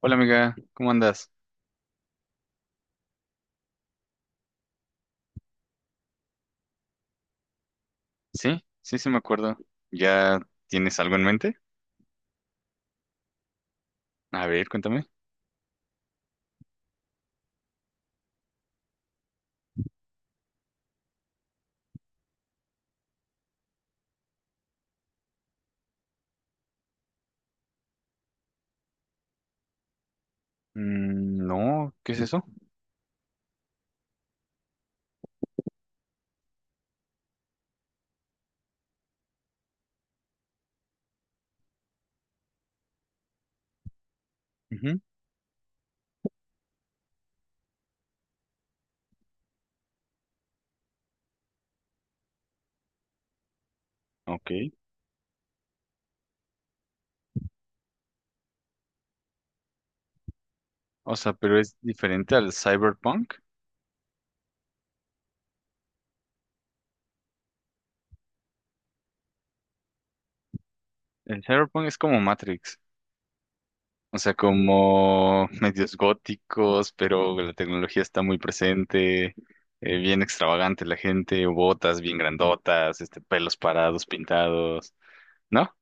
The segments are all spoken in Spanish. Hola amiga, ¿cómo andas? Sí, sí, sí me acuerdo. ¿Ya tienes algo en mente? A ver, cuéntame. Mm, no, ¿qué es eso? Ujú, ok. O sea, pero es diferente al cyberpunk. El cyberpunk es como Matrix. O sea, como medios góticos, pero la tecnología está muy presente. Bien extravagante la gente, botas bien grandotas, este, pelos parados, pintados, ¿no?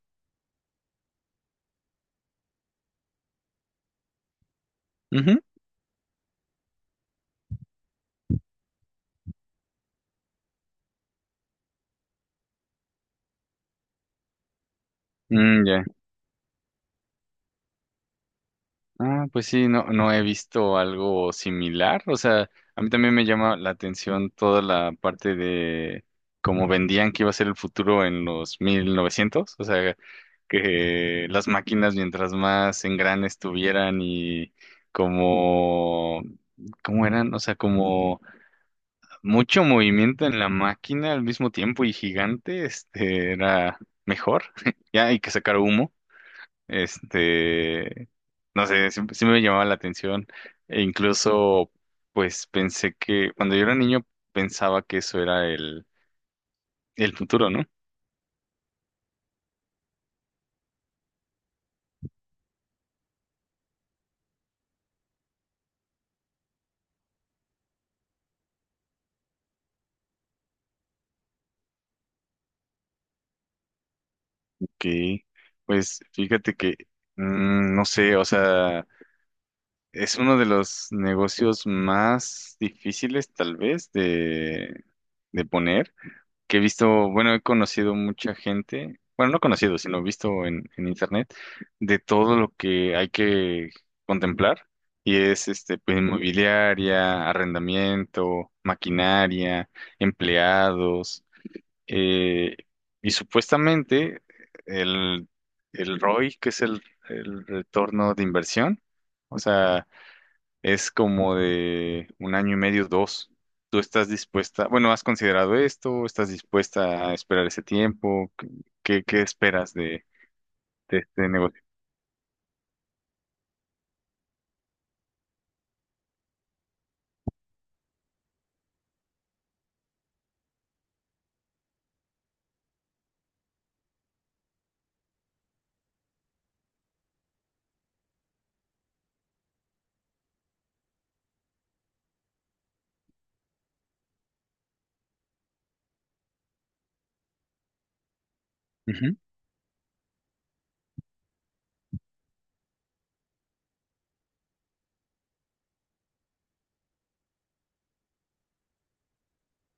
Ujú. Mm, ya. Ah, pues sí, no, no he visto algo similar. O sea, a mí también me llama la atención toda la parte de cómo vendían que iba a ser el futuro en los 1900. O sea, que las máquinas mientras más engranes tuvieran y como, ¿cómo eran? O sea, como mucho movimiento en la máquina al mismo tiempo y gigante, este, era mejor. Ya hay que sacar humo. Este, no sé, sí, sí me llamaba la atención e incluso pues pensé que cuando yo era niño pensaba que eso era el futuro, ¿no? Que pues fíjate que no sé, o sea, es uno de los negocios más difíciles tal vez de poner. Que he visto, bueno, he conocido mucha gente, bueno, no conocido, sino visto en internet, de todo lo que hay que contemplar, y es este, pues, inmobiliaria, arrendamiento, maquinaria, empleados, eh, y supuestamente el, el ROI, que es el retorno de inversión, o sea, es como de un año y medio, dos. ¿Tú estás dispuesta? Bueno, ¿has considerado esto? ¿Estás dispuesta a esperar ese tiempo? ¿Qué, qué esperas de este negocio? Ujú,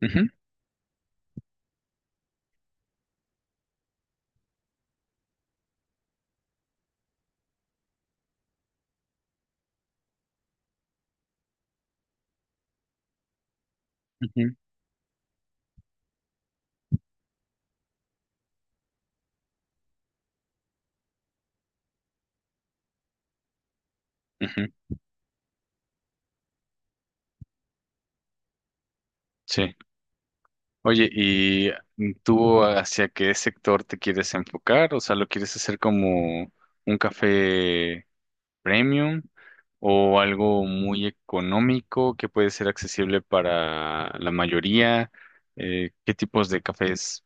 ujú, ujú, ujú. Sí. Oye, ¿y tú hacia qué sector te quieres enfocar? O sea, ¿lo quieres hacer como un café premium o algo muy económico que puede ser accesible para la mayoría? ¿Qué tipos de cafés?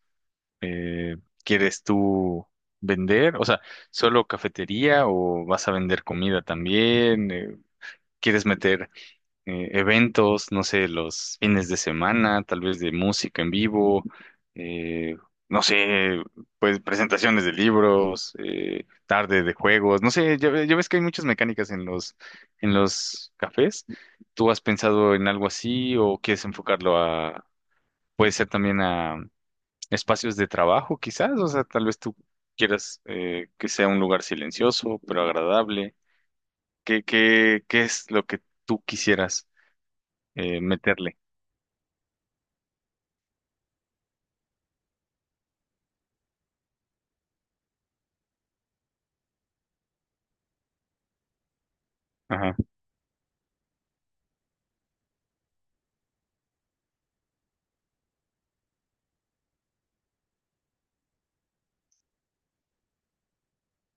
eh, ¿Quieres tú vender? O sea, ¿solo cafetería o vas a vender comida también? ¿Quieres meter eventos, no sé, los fines de semana, tal vez de música en vivo? Eh, no sé, pues presentaciones de libros, tarde de juegos, no sé, ya, ya ves que hay muchas mecánicas en los cafés. ¿Tú has pensado en algo así o quieres enfocarlo a, puede ser también espacios de trabajo, quizás, o sea, tal vez tú quieras que sea un lugar silencioso, pero agradable. ¿Qué, qué, qué es lo que tú quisieras meterle? Ajá.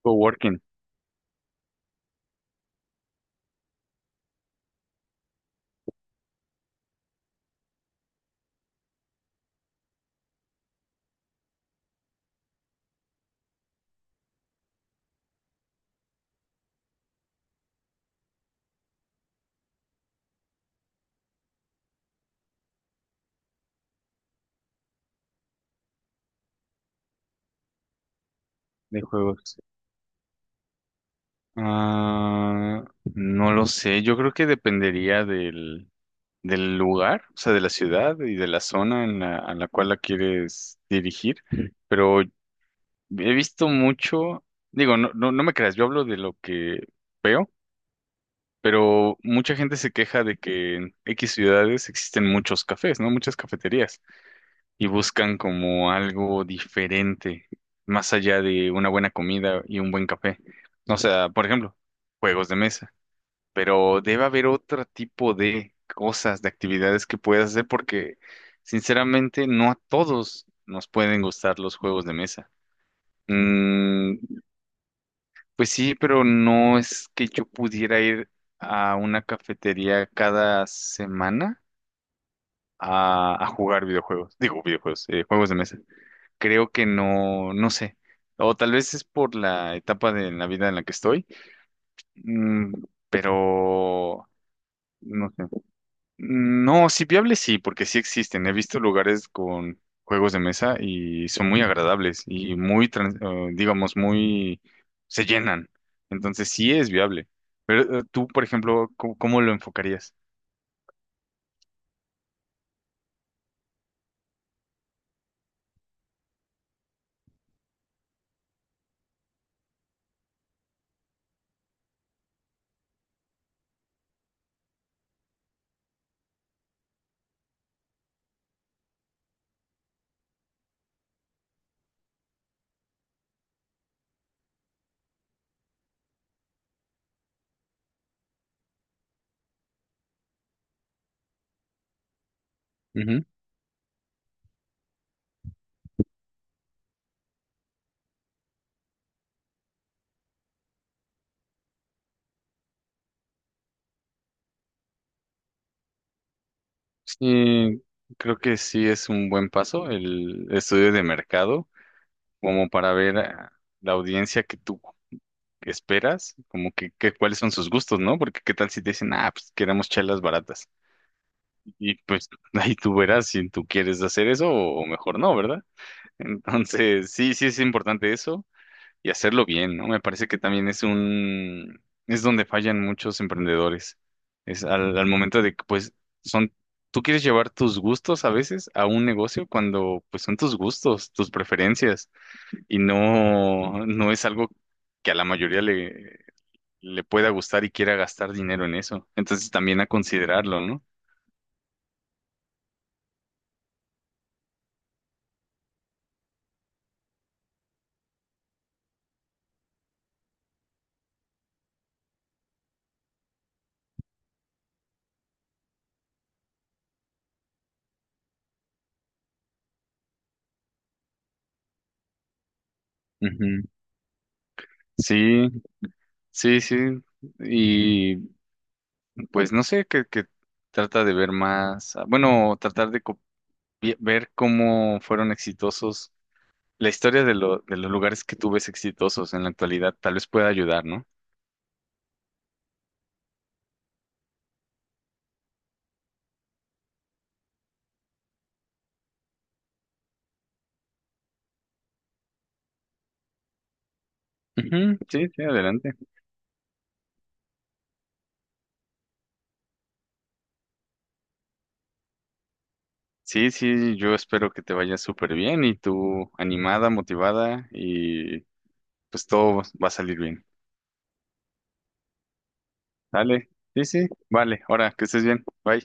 Coworking de juegos. Ah, no lo sé, yo creo que dependería del, del lugar, o sea, de la ciudad y de la zona en la, a la cual la quieres dirigir, pero he visto mucho, digo, no, no, no me creas, yo hablo de lo que veo pero mucha gente se queja de que en X ciudades existen muchos cafés, ¿no? Muchas cafeterías y buscan como algo diferente, más allá de una buena comida y un buen café. O sea, por ejemplo, juegos de mesa, pero debe haber otro tipo de cosas, de actividades que puedas hacer porque sinceramente no a todos nos pueden gustar los juegos de mesa. Mm, pues sí, pero no es que yo pudiera ir a una cafetería cada semana a jugar videojuegos. Digo, videojuegos, juegos de mesa. Creo que no, no sé. O tal vez es por la etapa de la vida en la que estoy, mm, pero no sé. No, sí viable sí, porque sí existen. He visto lugares con juegos de mesa y son muy agradables y muy, digamos, muy, se llenan. Entonces sí es viable. Pero tú, por ejemplo, ¿cómo, cómo lo enfocarías? Ujú. Sí, creo que sí es un buen paso el estudio de mercado, como para ver a la audiencia que tú esperas, como que cuáles son sus gustos, ¿no? Porque qué tal si te dicen, ah, pues queremos chelas baratas. Y pues ahí tú verás si tú quieres hacer eso o mejor no, ¿verdad? Entonces, sí, sí es importante eso y hacerlo bien, ¿no? Me parece que también es un, es donde fallan muchos emprendedores. Es al, al momento de que, pues, son, tú quieres llevar tus gustos a veces a un negocio cuando, pues, son tus gustos, tus preferencias y no, no es algo que a la mayoría le, le pueda gustar y quiera gastar dinero en eso. Entonces, también a considerarlo, ¿no? Ujú. Sí, sí, sí, y pues no sé, que trata de ver más, ah, bueno, ver cómo fueron exitosos, la historia de, lo, de los lugares que tú ves exitosos en la actualidad, tal vez pueda ayudar, ¿no? Ujú, sí, sí, adelante. Sí, sí, yo espero que te vaya súper bien y tú animada, motivada y pues todo va a salir bien. Dale, sí, sí, vale, ahora que estés bien, bye.